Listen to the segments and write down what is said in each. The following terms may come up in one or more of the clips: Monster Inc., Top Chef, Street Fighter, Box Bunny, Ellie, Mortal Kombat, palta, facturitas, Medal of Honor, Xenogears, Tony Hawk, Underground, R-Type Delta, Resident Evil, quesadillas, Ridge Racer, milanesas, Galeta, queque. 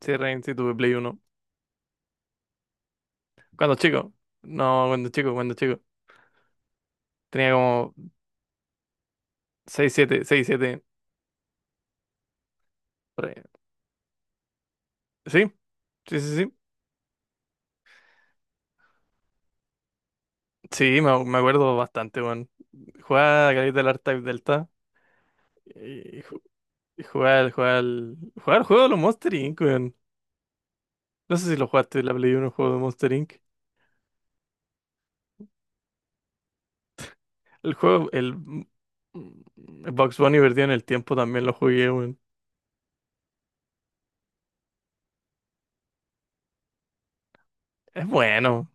Sí, Rain, sí, tuve Play uno. Cuando chico. No, cuando chico, cuando chico. Tenía como 6 7 6 7 por ahí. ¿Sí? Sí, sí, sí. Sí, me acuerdo bastante, weón. Jugaba a Caleta del R-Type Delta. Y ju- y jugaba jugaba al juego de los Monster Inc., weón. No sé si lo jugaste, en la Play uno el juego de Monster Inc. El juego, el, mm, el Box Bunny perdido en el tiempo también lo jugué, weón. Es bueno.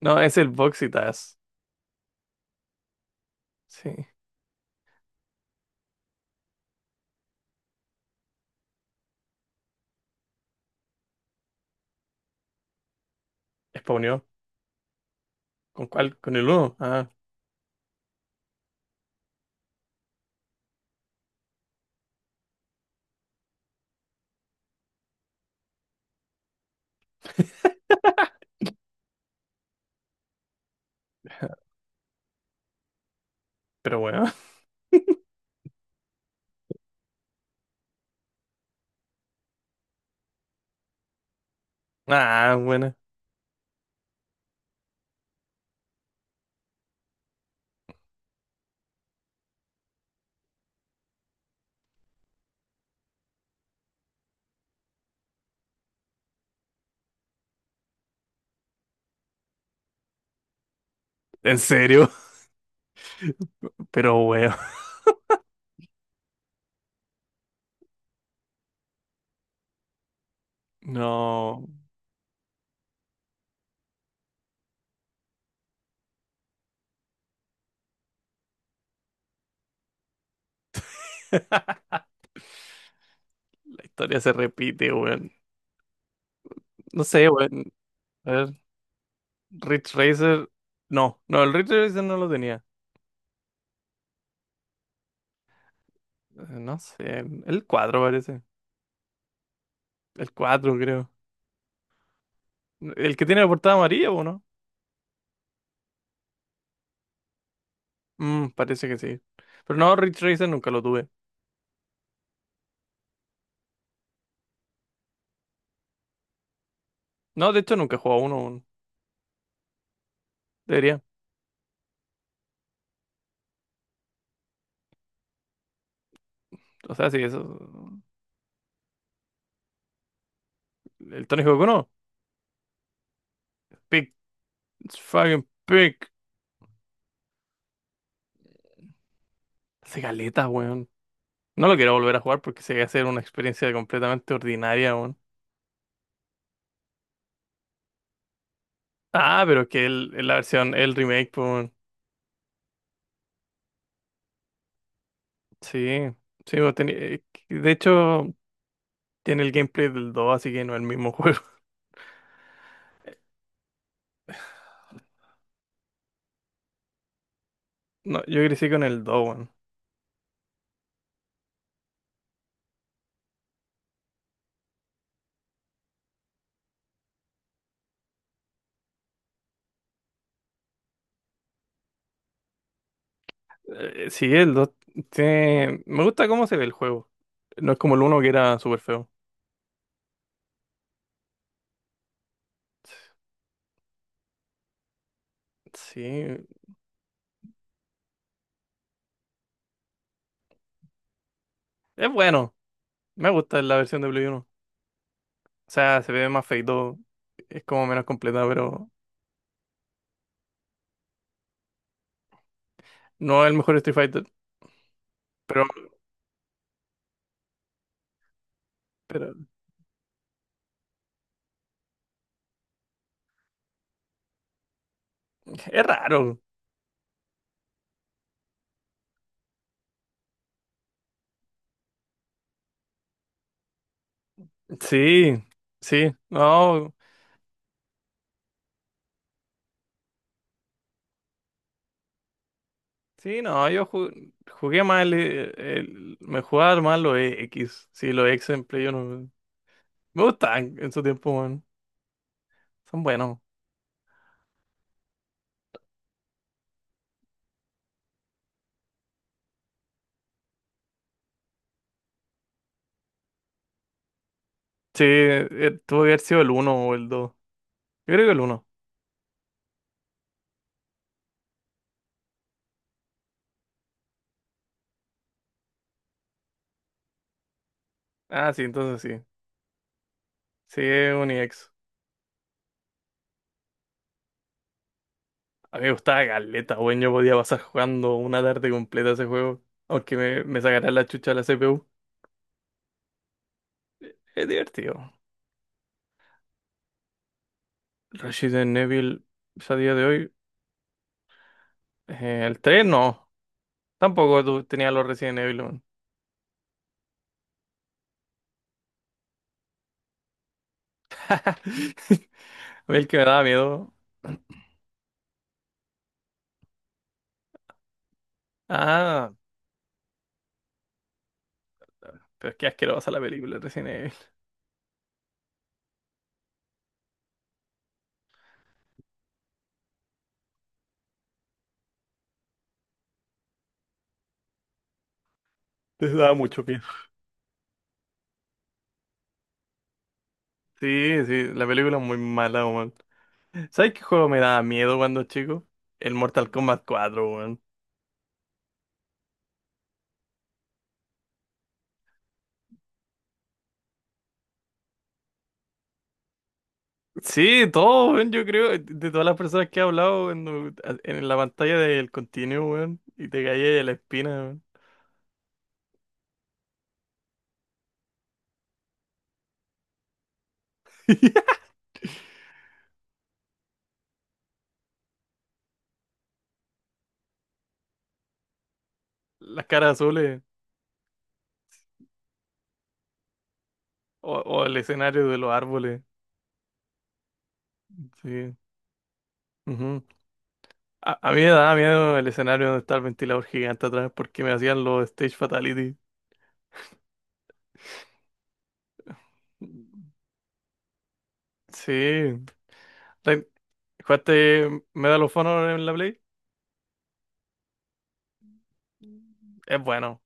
No, es el boxitas. Sí. Spawneó. ¿Con cuál? Con el uno. Ah, pero bueno. Ah, bueno. ¿En serio? Pero weón. No. La historia se repite, weón. No sé, weón. A ver, Ridge Racer. No, no, el Ridge Racer no lo tenía. No sé, el 4 parece. El cuatro creo. El que tiene la portada amarilla, ¿o no? Mm, parece que sí. Pero no, Ridge Racer nunca lo tuve. No, de hecho nunca he jugado uno, weón. Debería. O sea, sí, eso. El Tony Hawk 1. Pick. Fucking pick. Hace caleta, weón. No lo quiero volver a jugar porque se va a hacer una experiencia completamente ordinaria aún. Ah, pero que la versión, el remake, pues, sí, sí, pues, de hecho tiene el gameplay del 2, así que no es el mismo juego. No, yo crecí con el dos, weón. Sí, el 2, tiene... Me gusta cómo se ve el juego. No es como el uno que era súper feo. Sí, es bueno. Me gusta la versión de Play 1. O sea, se ve más feito, es como menos completa, pero no es el mejor Street Fighter. Pero, pero es raro. Sí, sí, no, sí, no, jugué mal, me jugaba mal los X, sí, los X en Play yo no, me gustaban en su tiempo, weón, son buenos. Sí, tuvo que haber sido el uno o el 2, yo creo que el uno, ah, sí, entonces sí, sí, es un X. A mí me gustaba Galeta, weón, yo podía pasar jugando una tarde completa ese juego, aunque me sacara la chucha de la CPU, es divertido. Resident Evil, ya a día de hoy, el 3 no. Tampoco tú tenías los Resident Evil, man. A mí el que me daba miedo. Ah, pero es que asquerosa la película de Resident Evil. Les daba mucho miedo. Sí, sí, la película es muy mala, weón. ¿Sabes qué juego me daba miedo cuando chico? El Mortal Kombat cuatro, weón. Sí, todo, weón, yo creo, de todas las personas que he hablado weón, no, en, la pantalla del continuo, weón, y te caía de la espina, weón. Las caras azules, o el escenario de los árboles, sí. Ujú. A mí me daba miedo el escenario donde está el ventilador gigante atrás porque me hacían los stage fatality. Sí. Re- ¿Jugaste Medal of Honor en la Play? Es bueno.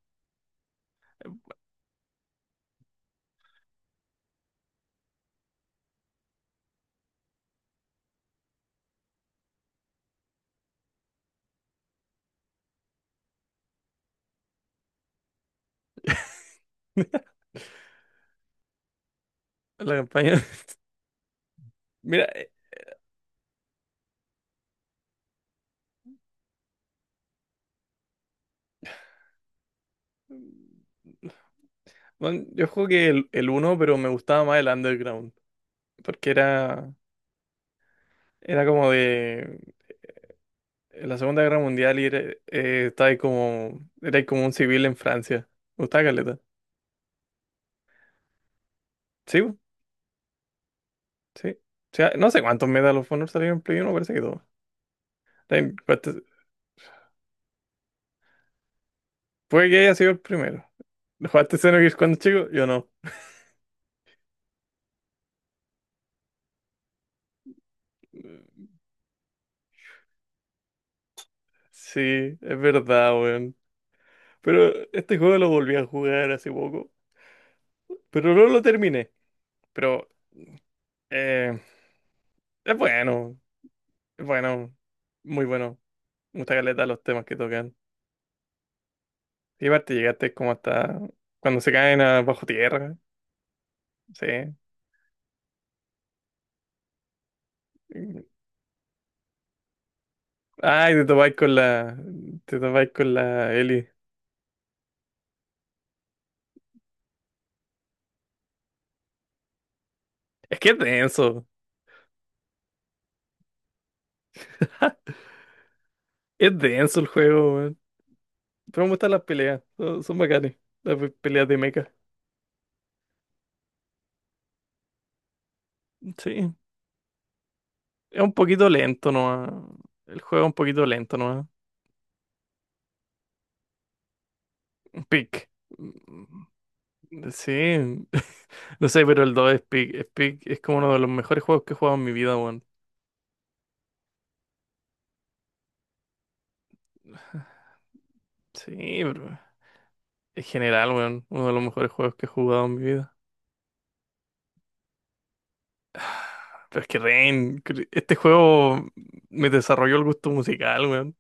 La campaña. Mira, bueno, yo jugué el uno, pero me gustaba más el Underground. Porque era, era como de la Segunda Guerra Mundial y era, estaba ahí como, era ahí como un civil en Francia. Me gustaba caleta. Sí, bu, sí. O sea, no sé cuántos Medal of Honor salieron en Play 1, parece que dos. Time- jugaste- Puede que haya sido el primero. ¿Jugaste Xenogears cuando chico? Yo no. Sí, es verdad, weón. Pero este juego lo volví a jugar hace poco. Pero no lo terminé. Pero eh, es bueno. Es bueno. Muy bueno. Me gusta caleta los temas que tocan. Y aparte llegaste como hasta cuando se caen a bajo tierra. Sí. Ay, te topáis con la. Te topáis con la Ellie. Es que es denso. Es denso el juego. Pero me gustan las peleas, son, son bacanes, las pe- peleas de mecha. Sí, es un poquito lento nomás. El juego es un poquito lento nomás. Pick. Mm, sí, no sé, pero el 2 es Pick. Es Peak, es como uno de los mejores juegos que he jugado en mi vida, weón. Sí, bro. En general, weón, uno de los mejores juegos que he jugado en mi vida. Pero es que ren cre- este juego me desarrolló el gusto musical, weón.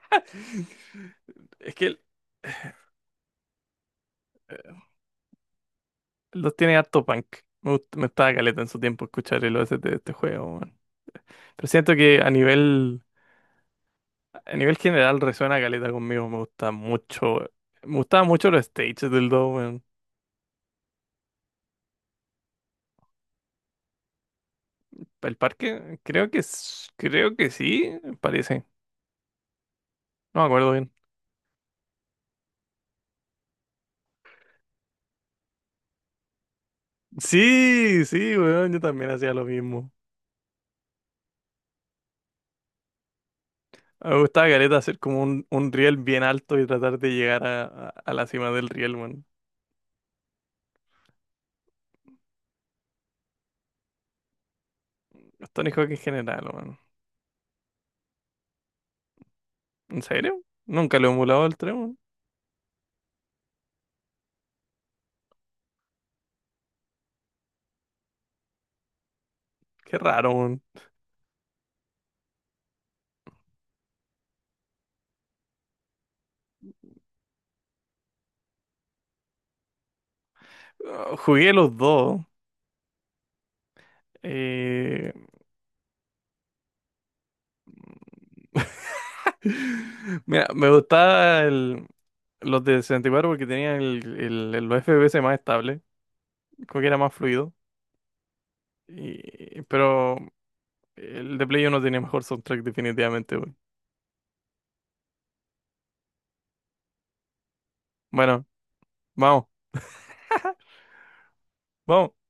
Es que el- Los tiene harto punk. Me gustaba caleta en su tiempo escuchar el OST de este juego, weón. Pero siento que a nivel general resuena caleta conmigo. Me gusta mucho. Me gustaban mucho los stages del 2, weón. ¿El parque? Creo que, creo que sí, parece. No me acuerdo bien. Sí, sí, weón. Yo también hacía lo mismo. Me gustaba caleta hacer como un riel bien alto y tratar de llegar a, a la cima del riel, weón. Los Tony Hawk en general, weón. ¿En serio? Nunca lo he emulado el 3, weón. Qué raro, weón. Ah, jugué los dos. Eh, mira, me gustaba el- los de 64 porque tenían los FPS más estables, como que era más fluido. Y pero el de Play 1 tenía mejor soundtrack definitivamente, güey. Bueno, vamos, vamos.